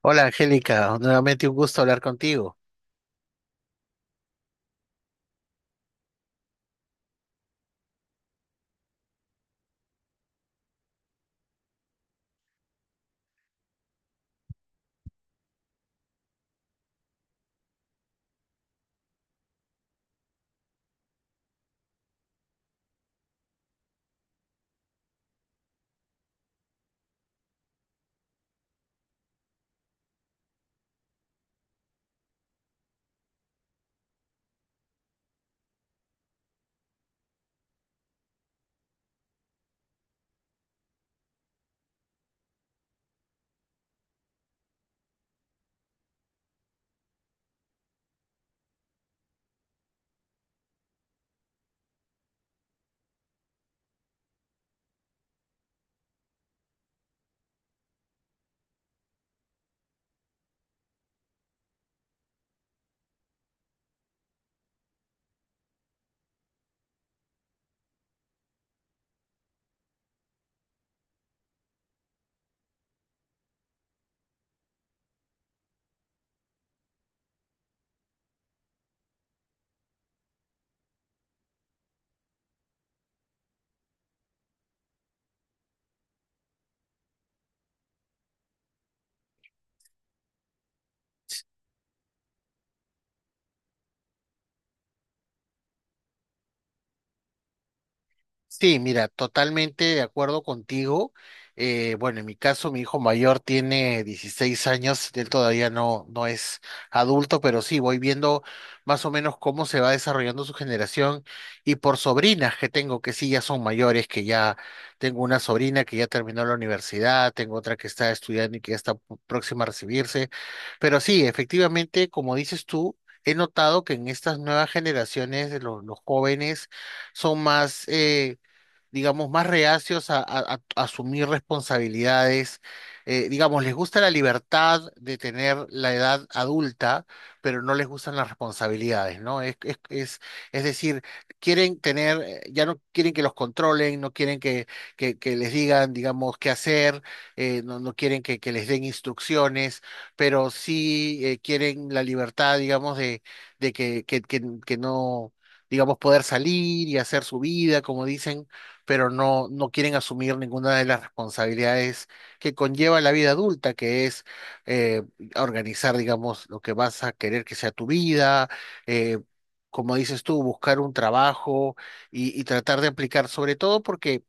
Hola Angélica, nuevamente un gusto hablar contigo. Sí, mira, totalmente de acuerdo contigo. Bueno, en mi caso, mi hijo mayor tiene 16 años, él todavía no es adulto, pero sí, voy viendo más o menos cómo se va desarrollando su generación y por sobrinas que tengo, que sí, ya son mayores, que ya tengo una sobrina que ya terminó la universidad, tengo otra que está estudiando y que ya está próxima a recibirse, pero sí, efectivamente, como dices tú, he notado que en estas nuevas generaciones, los jóvenes son más... digamos, más reacios a, a asumir responsabilidades. Digamos, les gusta la libertad de tener la edad adulta, pero no les gustan las responsabilidades, ¿no? Es decir, quieren tener, ya no quieren que los controlen, no quieren que les digan, digamos, qué hacer, no quieren que les den instrucciones, pero sí quieren la libertad, digamos, de que no digamos, poder salir y hacer su vida, como dicen, pero no quieren asumir ninguna de las responsabilidades que conlleva la vida adulta, que es eh, organizar, digamos, lo que vas a querer que sea tu vida, eh, como dices tú, buscar un trabajo y tratar de aplicar, sobre todo porque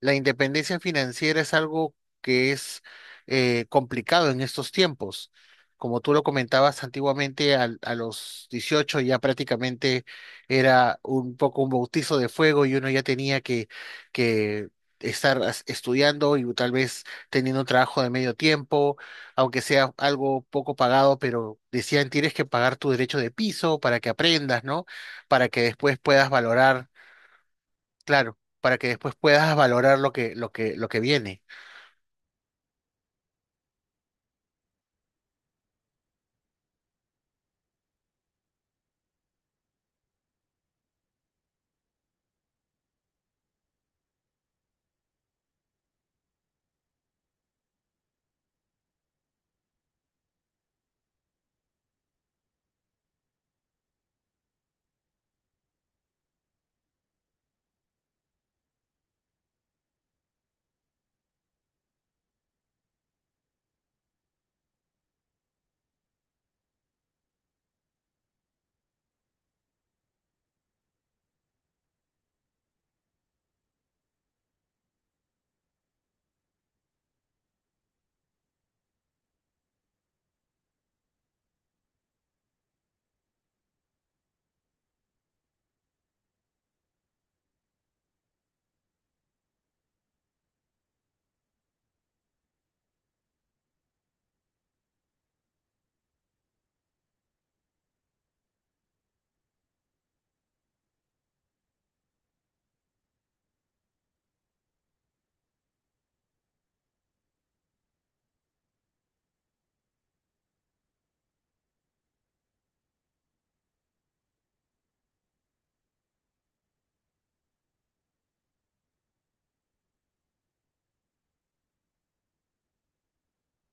la independencia financiera es algo que es complicado en estos tiempos. Como tú lo comentabas antiguamente, a los 18 ya prácticamente era un poco un bautizo de fuego y uno ya tenía que estar estudiando y tal vez teniendo un trabajo de medio tiempo, aunque sea algo poco pagado, pero decían tienes que pagar tu derecho de piso para que aprendas, ¿no? Para que después puedas valorar. Claro, para que después puedas valorar lo lo que viene.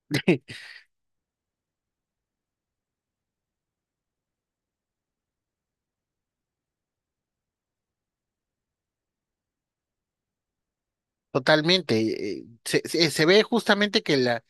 Totalmente. Se ve justamente que la,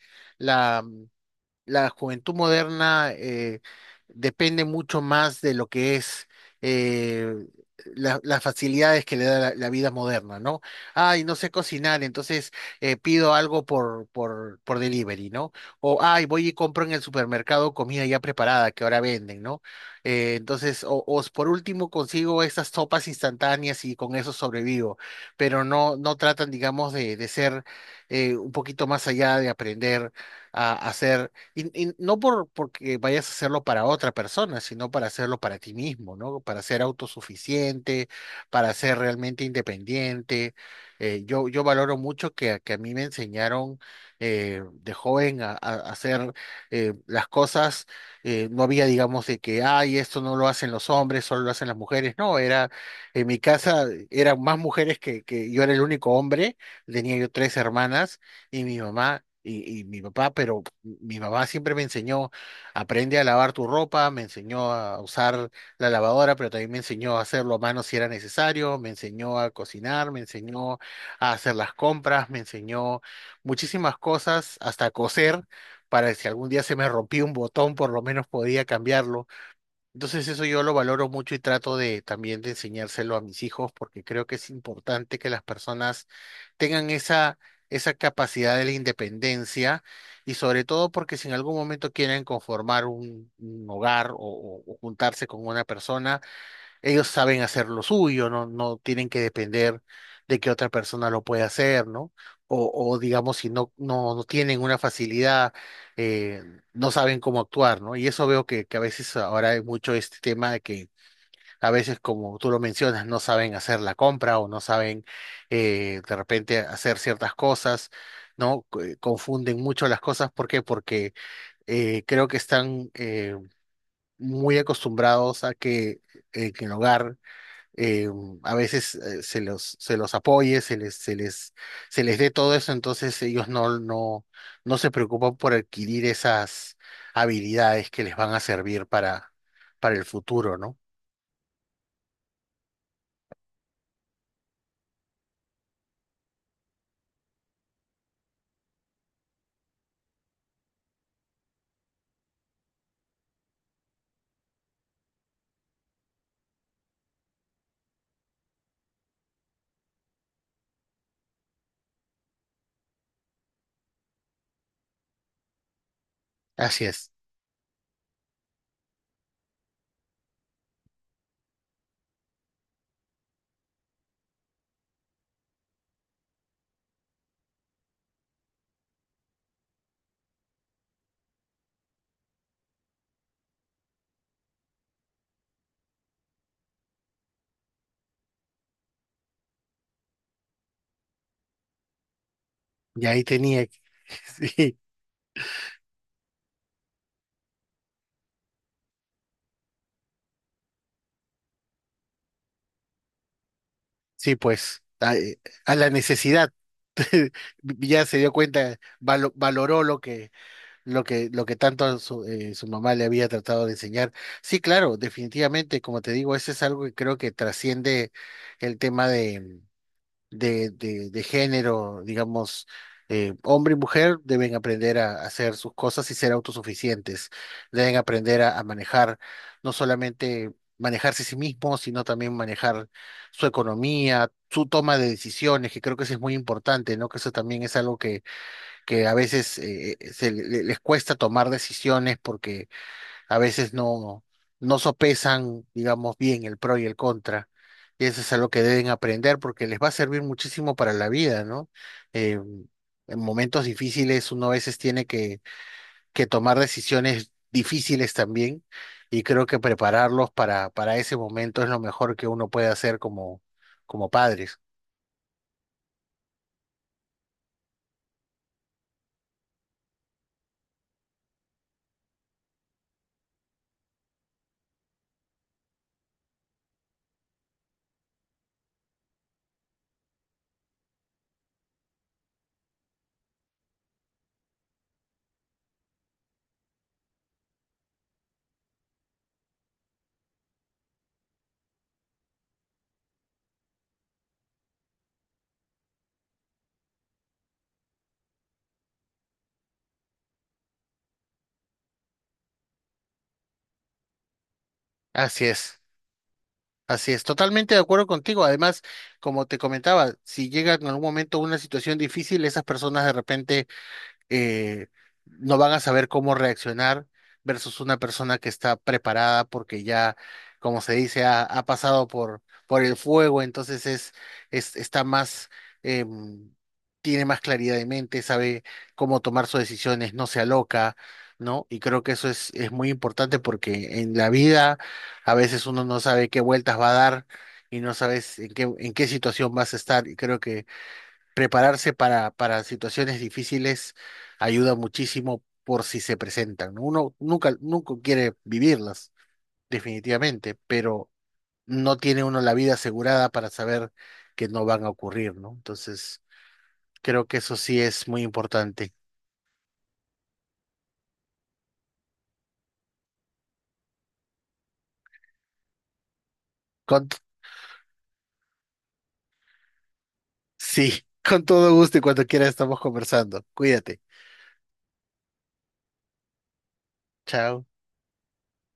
la juventud moderna depende mucho más de lo que es eh, las facilidades que le da la vida moderna, ¿no? Ay, no sé cocinar, entonces pido algo por delivery, ¿no? O, ay, voy y compro en el supermercado comida ya preparada que ahora venden, ¿no? Entonces, por último consigo estas sopas instantáneas y con eso sobrevivo, pero no tratan, digamos, de ser un poquito más allá de aprender a hacer y no por porque vayas a hacerlo para otra persona, sino para hacerlo para ti mismo, ¿no? Para ser autosuficiente, para ser realmente independiente. Yo valoro mucho que a mí me enseñaron de joven a, a hacer las cosas. No había, digamos, de que, ay, esto no lo hacen los hombres, solo lo hacen las mujeres. No, era, en mi casa eran más mujeres que yo era el único hombre. Tenía yo tres hermanas y mi mamá y mi papá, pero mi mamá siempre me enseñó, aprende a lavar tu ropa, me enseñó a usar la lavadora, pero también me enseñó a hacerlo a mano si era necesario, me enseñó a cocinar, me enseñó a hacer las compras, me enseñó muchísimas cosas, hasta a coser, para que si algún día se me rompía un botón, por lo menos podía cambiarlo. Entonces eso yo lo valoro mucho y trato de también de enseñárselo a mis hijos porque creo que es importante que las personas tengan esa, esa capacidad de la independencia y sobre todo porque si en algún momento quieren conformar un hogar o o juntarse con una persona, ellos saben hacer lo suyo, no tienen que depender de que otra persona lo pueda hacer, ¿no? O digamos, si no tienen una facilidad, eh, no saben cómo actuar, ¿no? Y eso veo que a veces ahora hay mucho este tema de que a veces, como tú lo mencionas, no saben hacer la compra o no saben de repente hacer ciertas cosas, ¿no? Confunden mucho las cosas. ¿Por qué? Porque creo que están muy acostumbrados a que en el hogar eh, a veces se se los apoye, se se les dé todo eso, entonces ellos no se preocupan por adquirir esas habilidades que les van a servir para el futuro, ¿no? Así es. Y ahí tenía, que... Sí, sí, pues, a la necesidad. Ya se dio cuenta, valoró lo lo que tanto su, su mamá le había tratado de enseñar. Sí, claro, definitivamente, como te digo, ese es algo que creo que trasciende el tema de género, digamos, hombre y mujer deben aprender a hacer sus cosas y ser autosuficientes, deben aprender a manejar, no solamente manejarse a sí mismos, sino también manejar su economía, su toma de decisiones, que creo que eso es muy importante, ¿no? Que eso también es algo que a veces se les cuesta tomar decisiones porque a veces no sopesan, digamos, bien el pro y el contra. Y eso es algo que deben aprender porque les va a servir muchísimo para la vida, ¿no? Eh, en momentos difíciles uno a veces tiene que tomar decisiones difíciles también y creo que prepararlos para ese momento es lo mejor que uno puede hacer como, como padres. Así es. Así es, totalmente de acuerdo contigo. Además, como te comentaba, si llega en algún momento una situación difícil, esas personas de repente eh, no van a saber cómo reaccionar versus una persona que está preparada porque ya, como se dice, ha pasado por el fuego, entonces es está más, em, tiene más claridad de mente, sabe cómo tomar sus decisiones, no se aloca, ¿no? Y creo que eso es muy importante porque en la vida a veces uno no sabe qué vueltas va a dar. Y no sabes en qué situación vas a estar. Y creo que prepararse para situaciones difíciles ayuda muchísimo por si se presentan, ¿no? Uno nunca, nunca quiere vivirlas, definitivamente, pero no tiene uno la vida asegurada para saber que no van a ocurrir, ¿no? Entonces, creo que eso sí es muy importante. Con, sí, con todo gusto y cuando quiera estamos conversando. Cuídate. Chao.